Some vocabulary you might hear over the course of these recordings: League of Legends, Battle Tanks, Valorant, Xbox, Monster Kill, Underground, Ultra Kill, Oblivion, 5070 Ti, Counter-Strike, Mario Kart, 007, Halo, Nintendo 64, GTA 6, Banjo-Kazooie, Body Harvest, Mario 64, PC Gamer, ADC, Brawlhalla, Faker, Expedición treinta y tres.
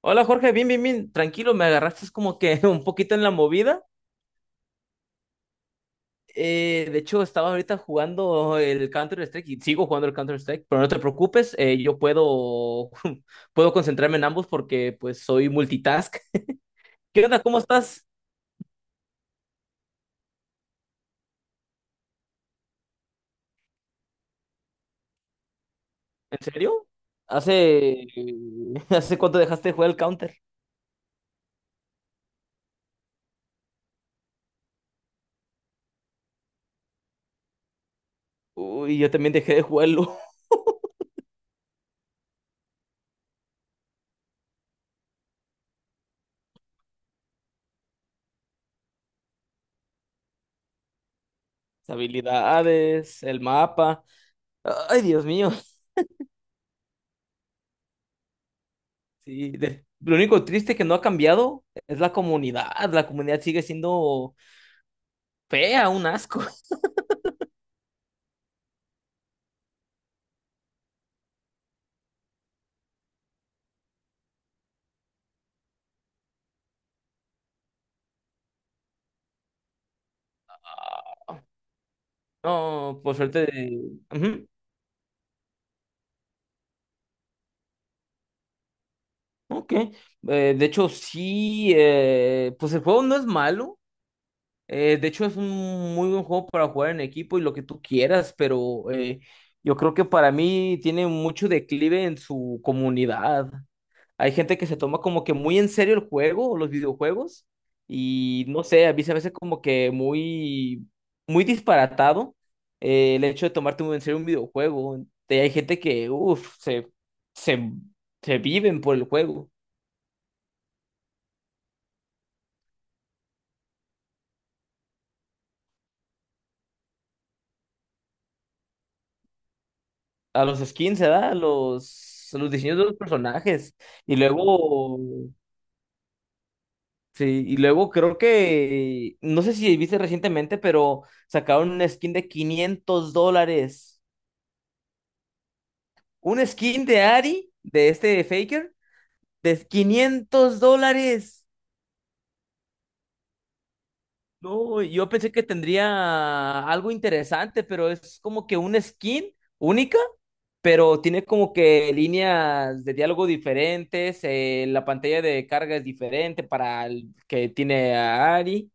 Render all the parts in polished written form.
Hola Jorge, bien, bien, bien, tranquilo, me agarraste es como que un poquito en la movida. Estaba ahorita jugando el Counter-Strike y sigo jugando el Counter-Strike, pero no te preocupes, yo puedo, puedo concentrarme en ambos porque pues soy multitask. ¿Qué onda? ¿Cómo estás? ¿En serio? ¿Hace, ¿hace cuánto dejaste de jugar el Counter? Uy, yo también dejé de jugarlo. Las habilidades, el mapa. Ay, Dios mío. Sí, lo único triste que no ha cambiado es la comunidad. La comunidad sigue siendo fea, un asco. No, por suerte. Ujú, ok. Sí, pues el juego no es malo. Es un muy buen juego para jugar en equipo y lo que tú quieras, pero yo creo que para mí tiene mucho declive en su comunidad. Hay gente que se toma como que muy en serio el juego o los videojuegos y no sé, a mí se me hace como que muy disparatado el hecho de tomarte muy en serio un videojuego. Hay gente que, uff, se, se viven por el juego. A los skins, ¿verdad? A los diseños de los personajes. Y luego, sí, y luego creo que, no sé si viste recientemente, pero sacaron una skin de $500. Un skin de Ari, de este de Faker, de $500. No, yo pensé que tendría algo interesante, pero es como que un skin única, pero tiene como que líneas de diálogo diferentes, la pantalla de carga es diferente para el que tiene a Ari.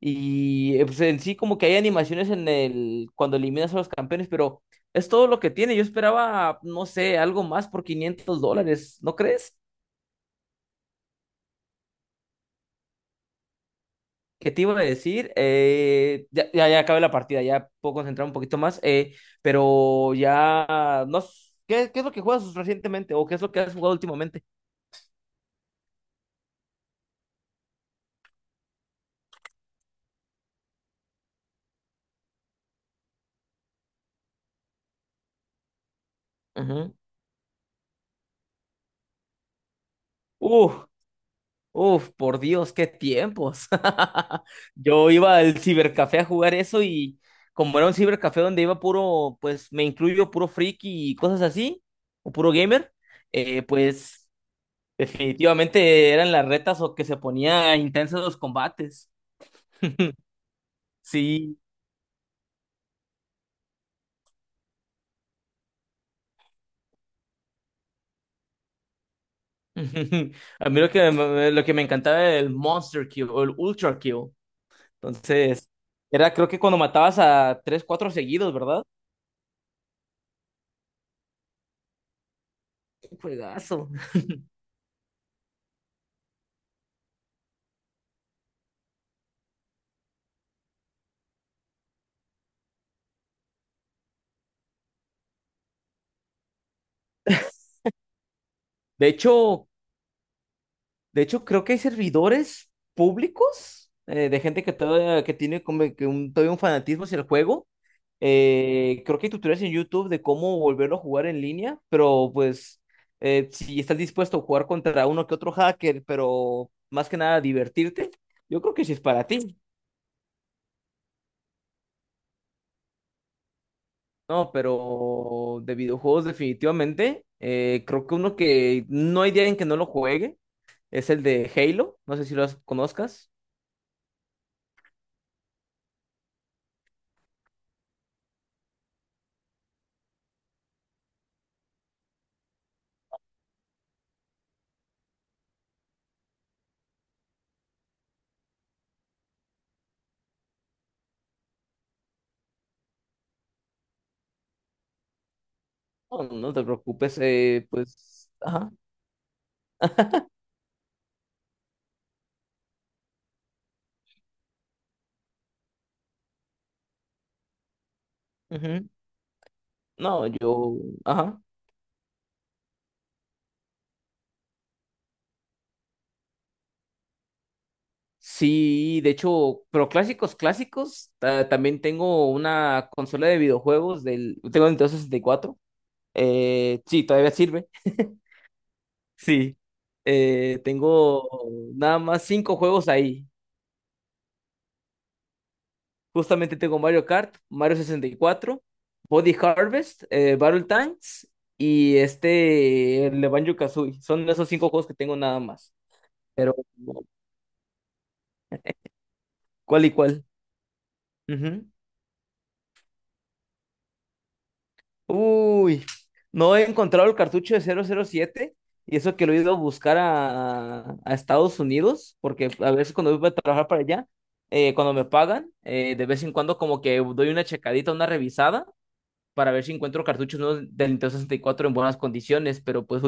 Y pues en sí como que hay animaciones en el cuando eliminas a los campeones, pero es todo lo que tiene. Yo esperaba, no sé, algo más por $500, ¿no crees? ¿Qué te iba a decir? Eh, ya acabé la partida, ya puedo concentrar un poquito más, pero ya no s- ¿qué, qué es lo que juegas recientemente o qué es lo que has jugado últimamente? Ujú. Uf, uf, por Dios, qué tiempos. Yo iba al cibercafé a jugar eso y como era un cibercafé donde iba puro, pues me incluyo puro friki y cosas así, o puro gamer, pues definitivamente eran las retas o que se ponía intensos los combates. Sí. A mí lo que, lo que me encantaba era el Monster Kill o el Ultra Kill. Entonces, era creo que cuando matabas a tres, cuatro seguidos, ¿verdad? Un juegazo. De hecho, de hecho, creo que hay servidores públicos de gente que todavía que tiene como que un, todavía un fanatismo hacia el juego. Creo que hay tutoriales en YouTube de cómo volverlo a jugar en línea, pero pues si estás dispuesto a jugar contra uno que otro hacker, pero más que nada divertirte, yo creo que sí es para ti. No, pero de videojuegos definitivamente, creo que uno que no hay día en que no lo juegue es el de Halo, no sé si conozcas. No, no te preocupes, pues, ajá, ujú. No, yo, ajá. Sí, de hecho, pero clásicos, clásicos, también tengo una consola de videojuegos del, tengo Nintendo 64, sí, todavía sirve, sí, tengo nada más 5 juegos ahí. Justamente tengo Mario Kart, Mario 64, Body Harvest, Battle Tanks y este, el de Banjo-Kazooie. Son esos 5 juegos que tengo nada más. Pero, ¿cuál y cuál? Ujú. Uy, no he encontrado el cartucho de 007 y eso que lo he ido a buscar a Estados Unidos, porque a veces cuando voy a trabajar para allá, cuando me pagan, de vez en cuando como que doy una checadita, una revisada para ver si encuentro cartuchos nuevos del Nintendo 64 en buenas condiciones, pero pues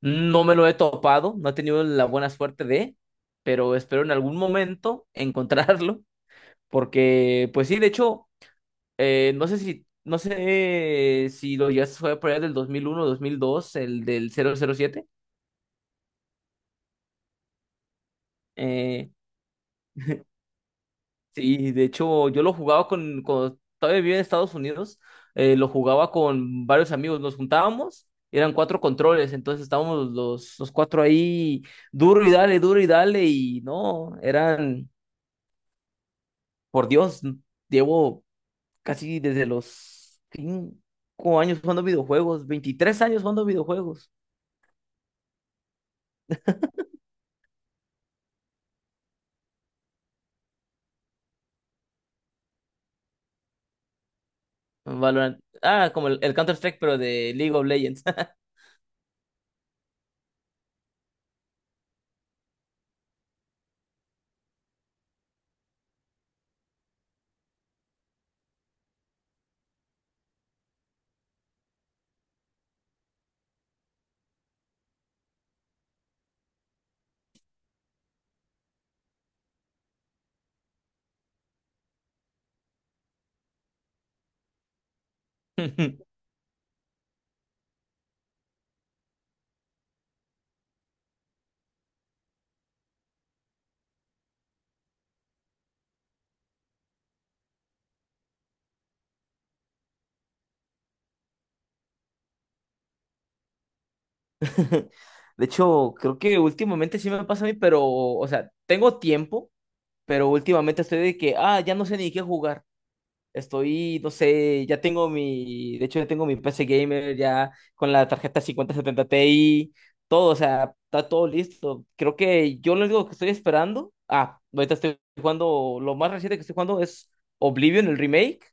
no me lo he topado, no he tenido la buena suerte de, pero espero en algún momento encontrarlo, porque pues sí, de hecho, no sé si, no sé si lo llegaste a jugar por allá del 2001, 2002, el del 007, eh, Sí, de hecho, yo lo jugaba con, cuando todavía vivía en Estados Unidos, lo jugaba con varios amigos, nos juntábamos, eran cuatro controles, entonces estábamos los cuatro ahí, duro y dale, y no, eran, por Dios, llevo casi desde los 5 años jugando videojuegos, 23 años jugando videojuegos. Valorant, ah, como el Counter-Strike, pero de League of Legends. De hecho, creo que últimamente sí me pasa a mí, pero, o sea, tengo tiempo, pero últimamente estoy de que, ah, ya no sé ni qué jugar. Estoy, no sé, ya tengo mi, de hecho ya tengo mi PC Gamer ya con la tarjeta 5070 Ti, todo, o sea, está todo listo. Creo que yo lo único que estoy esperando, ah, ahorita estoy jugando, lo más reciente que estoy jugando es Oblivion, el remake,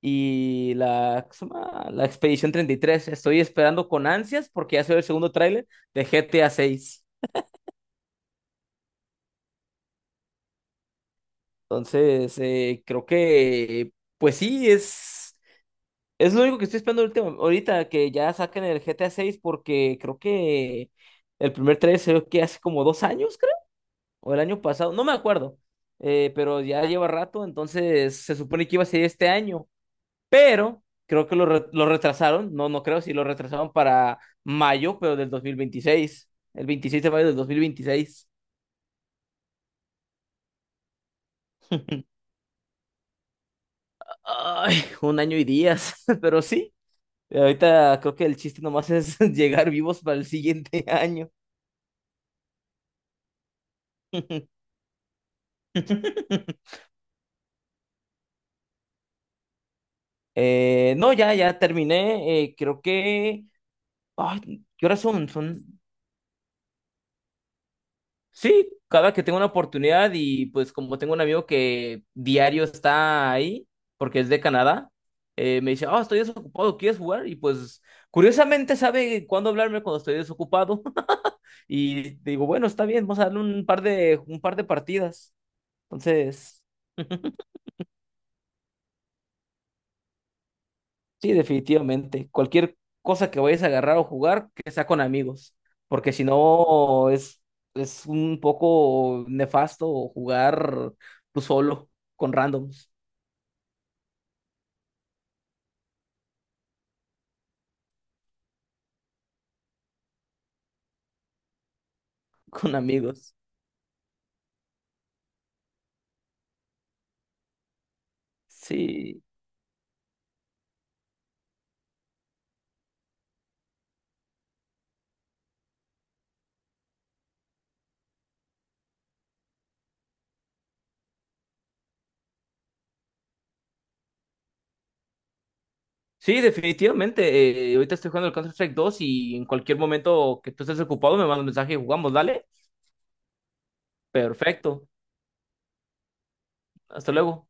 y la, ¿cómo se llama? La Expedición 33. Estoy esperando con ansias porque ya soy el segundo tráiler de GTA 6. Entonces, creo que, pues sí, es lo único que estoy esperando ahorita, que ya saquen el GTA 6 porque creo que el primer tráiler se ve que hace como dos años, creo, o el año pasado, no me acuerdo. Pero ya lleva rato, entonces se supone que iba a ser este año. Pero creo que lo, lo retrasaron, no, no creo, si lo retrasaron para mayo, pero del 2026 el 26 de mayo del 2026. Ay, un año y días, pero sí. Ahorita creo que el chiste nomás es llegar vivos para el siguiente año. Eh, no, ya terminé. Creo que. Ay, ¿qué horas son? Son. Sí, cada que tengo una oportunidad y pues como tengo un amigo que diario está ahí, porque es de Canadá, me dice, oh, estoy desocupado, ¿quieres jugar? Y pues curiosamente sabe cuándo hablarme cuando estoy desocupado. Y digo, bueno, está bien, vamos a darle un par de partidas. Entonces... Sí, definitivamente. Cualquier cosa que vayas a agarrar o jugar, que sea con amigos, porque si no es, es un poco nefasto jugar tú solo, con randoms, con amigos. Sí, sí, definitivamente. Ahorita estoy jugando el Counter-Strike 2 y en cualquier momento que tú estés ocupado me mandas un mensaje y jugamos, dale. Perfecto. Hasta luego.